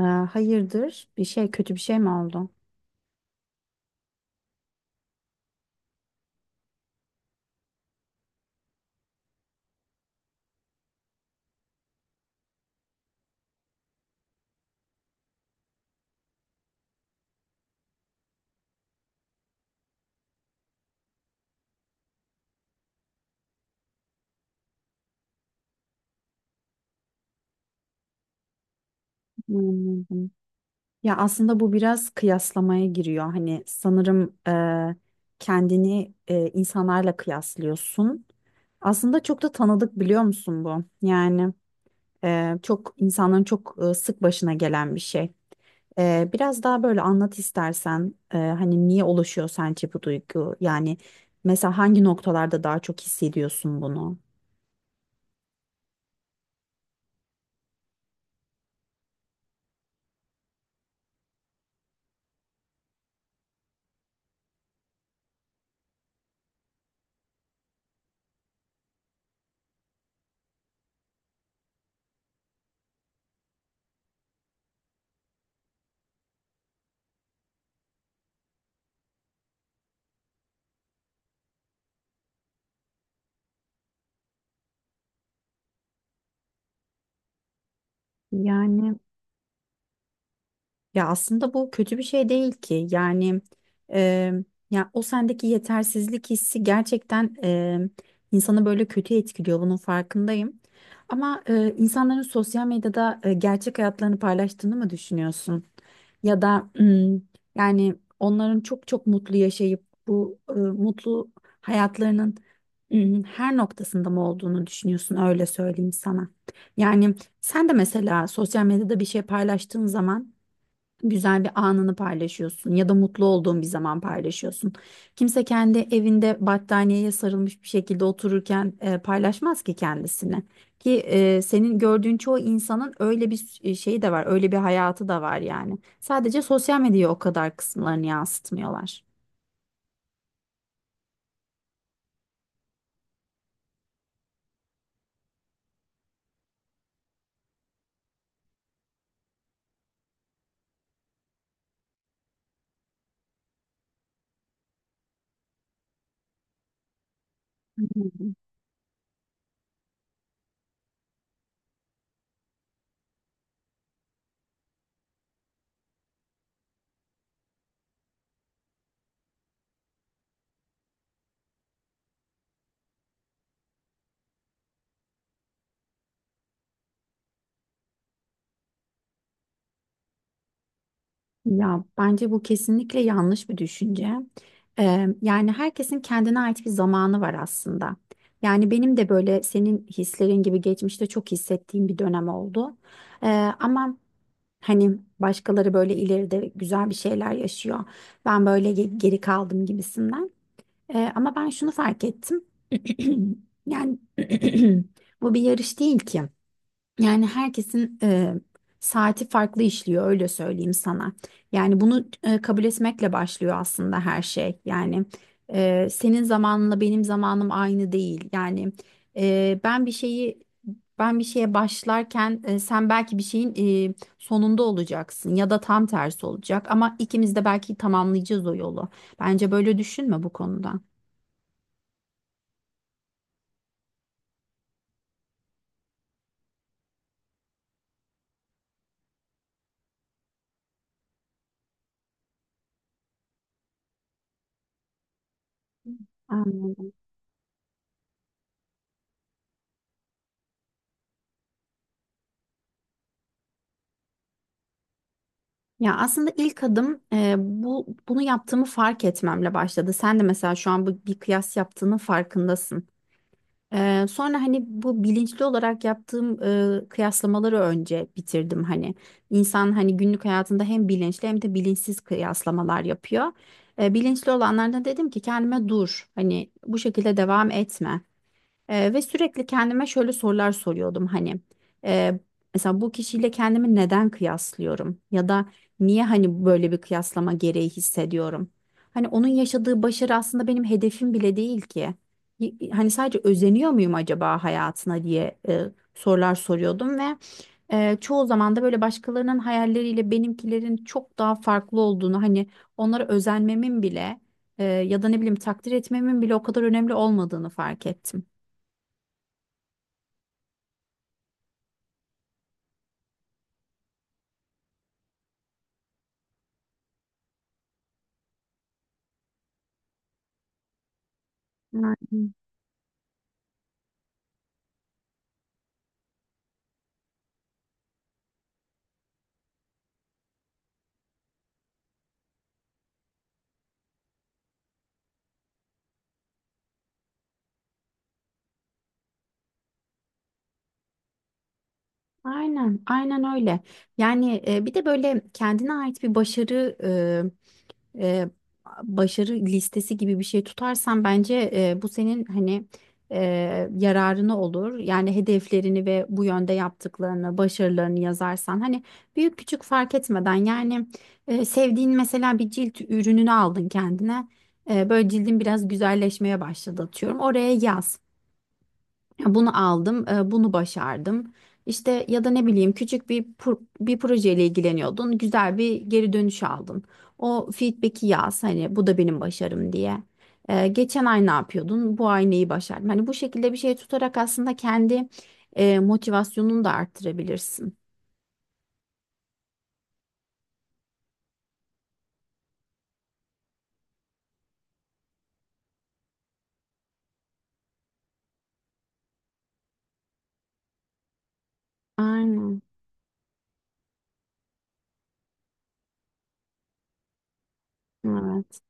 Hayırdır? Bir şey kötü bir şey mi oldu? Anladım. Ya aslında bu biraz kıyaslamaya giriyor. Hani sanırım kendini insanlarla kıyaslıyorsun. Aslında çok da tanıdık biliyor musun bu? Yani çok insanların çok sık başına gelen bir şey. Biraz daha böyle anlat istersen hani niye oluşuyor sence bu duygu? Yani mesela hangi noktalarda daha çok hissediyorsun bunu? yani Ya aslında bu kötü bir şey değil ki. Yani e, ya o sendeki yetersizlik hissi gerçekten insanı böyle kötü etkiliyor. Bunun farkındayım. Ama insanların sosyal medyada gerçek hayatlarını paylaştığını mı düşünüyorsun? Ya da yani onların çok çok mutlu yaşayıp bu mutlu hayatlarının her noktasında mı olduğunu düşünüyorsun? Öyle söyleyeyim sana. Yani sen de mesela sosyal medyada bir şey paylaştığın zaman güzel bir anını paylaşıyorsun ya da mutlu olduğun bir zaman paylaşıyorsun. Kimse kendi evinde battaniyeye sarılmış bir şekilde otururken paylaşmaz ki kendisini. Ki senin gördüğün çoğu insanın öyle bir şeyi de var, öyle bir hayatı da var yani. Sadece sosyal medyaya o kadar kısımlarını yansıtmıyorlar. Ya bence bu kesinlikle yanlış bir düşünce. Yani herkesin kendine ait bir zamanı var aslında. Yani benim de böyle senin hislerin gibi geçmişte çok hissettiğim bir dönem oldu. Ee, Ama hani başkaları böyle ileride güzel bir şeyler yaşıyor. Ben böyle geri kaldım gibisinden. Ama ben şunu fark ettim. Yani bu bir yarış değil ki. Yani herkesin saati farklı işliyor öyle söyleyeyim sana. Yani bunu kabul etmekle başlıyor aslında her şey. Yani senin zamanınla benim zamanım aynı değil. Yani e, ben bir şeyi ben bir şeye başlarken sen belki bir şeyin sonunda olacaksın ya da tam tersi olacak ama ikimiz de belki tamamlayacağız o yolu. Bence böyle düşünme bu konuda. Anladım. Ya aslında ilk adım e, bu bunu yaptığımı fark etmemle başladı. Sen de mesela şu an bu bir kıyas yaptığının farkındasın. Sonra hani bu bilinçli olarak yaptığım kıyaslamaları önce bitirdim hani. İnsan hani günlük hayatında hem bilinçli hem de bilinçsiz kıyaslamalar yapıyor. Bilinçli olanlardan dedim ki kendime dur hani bu şekilde devam etme. Ve sürekli kendime şöyle sorular soruyordum hani eee, mesela bu kişiyle kendimi neden kıyaslıyorum ya da niye hani böyle bir kıyaslama gereği hissediyorum? Hani onun yaşadığı başarı aslında benim hedefim bile değil ki. Hani sadece özeniyor muyum acaba hayatına diye sorular soruyordum ve çoğu zaman da böyle başkalarının hayalleriyle benimkilerin çok daha farklı olduğunu hani onlara özenmemin bile ya da ne bileyim takdir etmemin bile o kadar önemli olmadığını fark ettim. Aynen. Aynen, aynen öyle. Yani bir de böyle kendine ait bir başarı e, e, başarı listesi gibi bir şey tutarsan bence bu senin hani e, yararına olur. Yani hedeflerini ve bu yönde yaptıklarını, başarılarını yazarsan hani büyük küçük fark etmeden yani sevdiğin mesela bir cilt ürününü aldın kendine. Böyle cildin biraz güzelleşmeye başladı atıyorum. Oraya yaz. Ya bunu aldım, bunu başardım. İşte ya da ne bileyim küçük bir projeyle ilgileniyordun. Güzel bir geri dönüş aldın. O feedback'i yaz hani bu da benim başarım diye. Geçen ay ne yapıyordun? Bu ay neyi başardın? Hani bu şekilde bir şey tutarak aslında kendi motivasyonunu da arttırabilirsin. Aynen. Evet.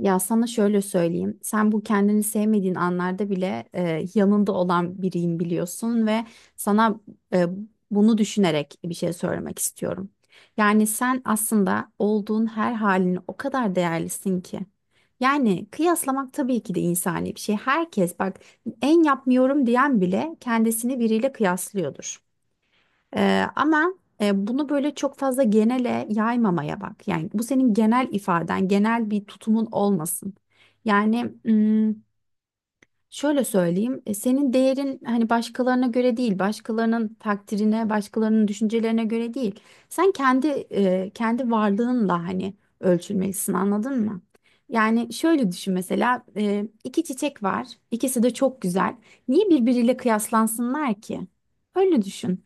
Ya sana şöyle söyleyeyim. Sen bu kendini sevmediğin anlarda bile yanında olan biriyim biliyorsun ve sana e, bunu düşünerek bir şey söylemek istiyorum. Yani sen aslında olduğun her halini o kadar değerlisin ki. Yani kıyaslamak tabii ki de insani bir şey. Herkes bak en yapmıyorum diyen bile kendisini biriyle kıyaslıyordur. Ama bunu böyle çok fazla genele yaymamaya bak. Yani bu senin genel ifaden, genel bir tutumun olmasın. Yani şöyle söyleyeyim, senin değerin hani başkalarına göre değil, başkalarının takdirine, başkalarının düşüncelerine göre değil. Sen kendi kendi varlığınla hani ölçülmelisin, anladın mı? Yani şöyle düşün mesela iki çiçek var, ikisi de çok güzel. Niye birbiriyle kıyaslansınlar ki? Öyle düşün.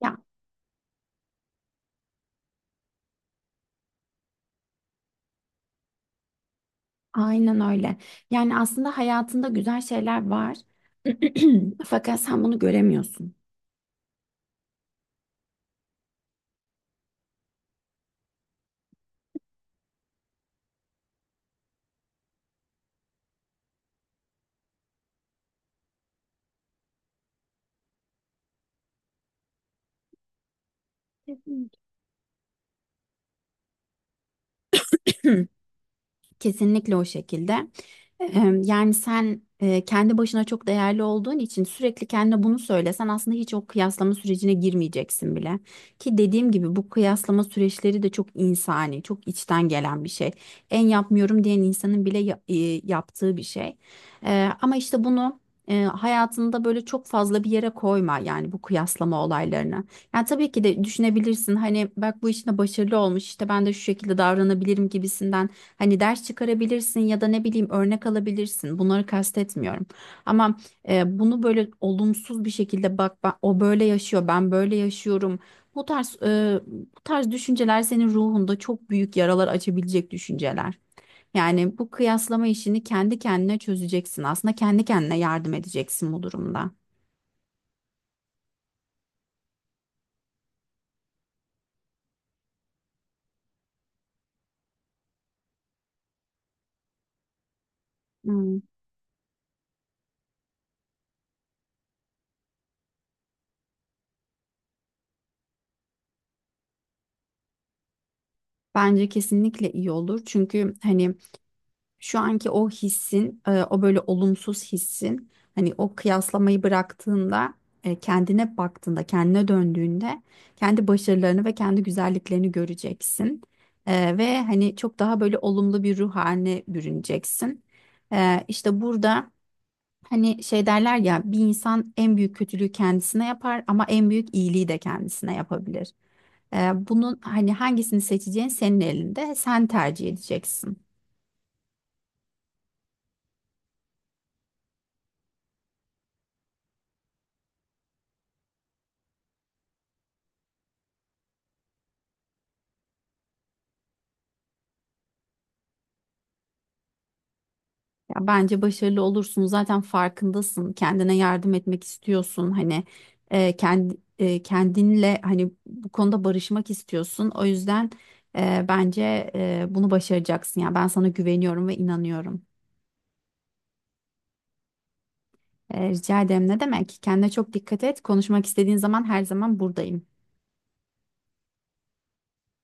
Ya aynen öyle. Yani aslında hayatında güzel şeyler var. Fakat sen bunu göremiyorsun. Kesinlikle o şekilde. Yani sen kendi başına çok değerli olduğun için sürekli kendine bunu söylesen aslında hiç o kıyaslama sürecine girmeyeceksin bile. Ki dediğim gibi bu kıyaslama süreçleri de çok insani, çok içten gelen bir şey. En yapmıyorum diyen insanın bile yaptığı bir şey. Ama işte bunu hayatında böyle çok fazla bir yere koyma yani bu kıyaslama olaylarını. Yani tabii ki de düşünebilirsin hani bak bu işte başarılı olmuş işte ben de şu şekilde davranabilirim gibisinden hani ders çıkarabilirsin ya da ne bileyim örnek alabilirsin bunları kastetmiyorum ama bunu böyle olumsuz bir şekilde bak ben, o böyle yaşıyor ben böyle yaşıyorum bu tarz e, bu tarz düşünceler senin ruhunda çok büyük yaralar açabilecek düşünceler. Yani bu kıyaslama işini kendi kendine çözeceksin aslında kendi kendine yardım edeceksin bu durumda. Hmm. Bence kesinlikle iyi olur. Çünkü hani şu anki o hissin, o böyle olumsuz hissin, hani o kıyaslamayı bıraktığında, kendine baktığında, kendine döndüğünde kendi başarılarını ve kendi güzelliklerini göreceksin. Ve hani çok daha böyle olumlu bir ruh haline bürüneceksin. İşte burada hani şey derler ya bir insan en büyük kötülüğü kendisine yapar ama en büyük iyiliği de kendisine yapabilir. Bunun hani hangisini seçeceğin senin elinde, sen tercih edeceksin. Ya bence başarılı olursun. Zaten farkındasın. Kendine yardım etmek istiyorsun. Hani kendinle hani bu konuda barışmak istiyorsun. O yüzden bence bunu başaracaksın. Ya ben sana güveniyorum ve inanıyorum. Rica ederim. Ne demek? Kendine çok dikkat et. Konuşmak istediğin zaman her zaman buradayım.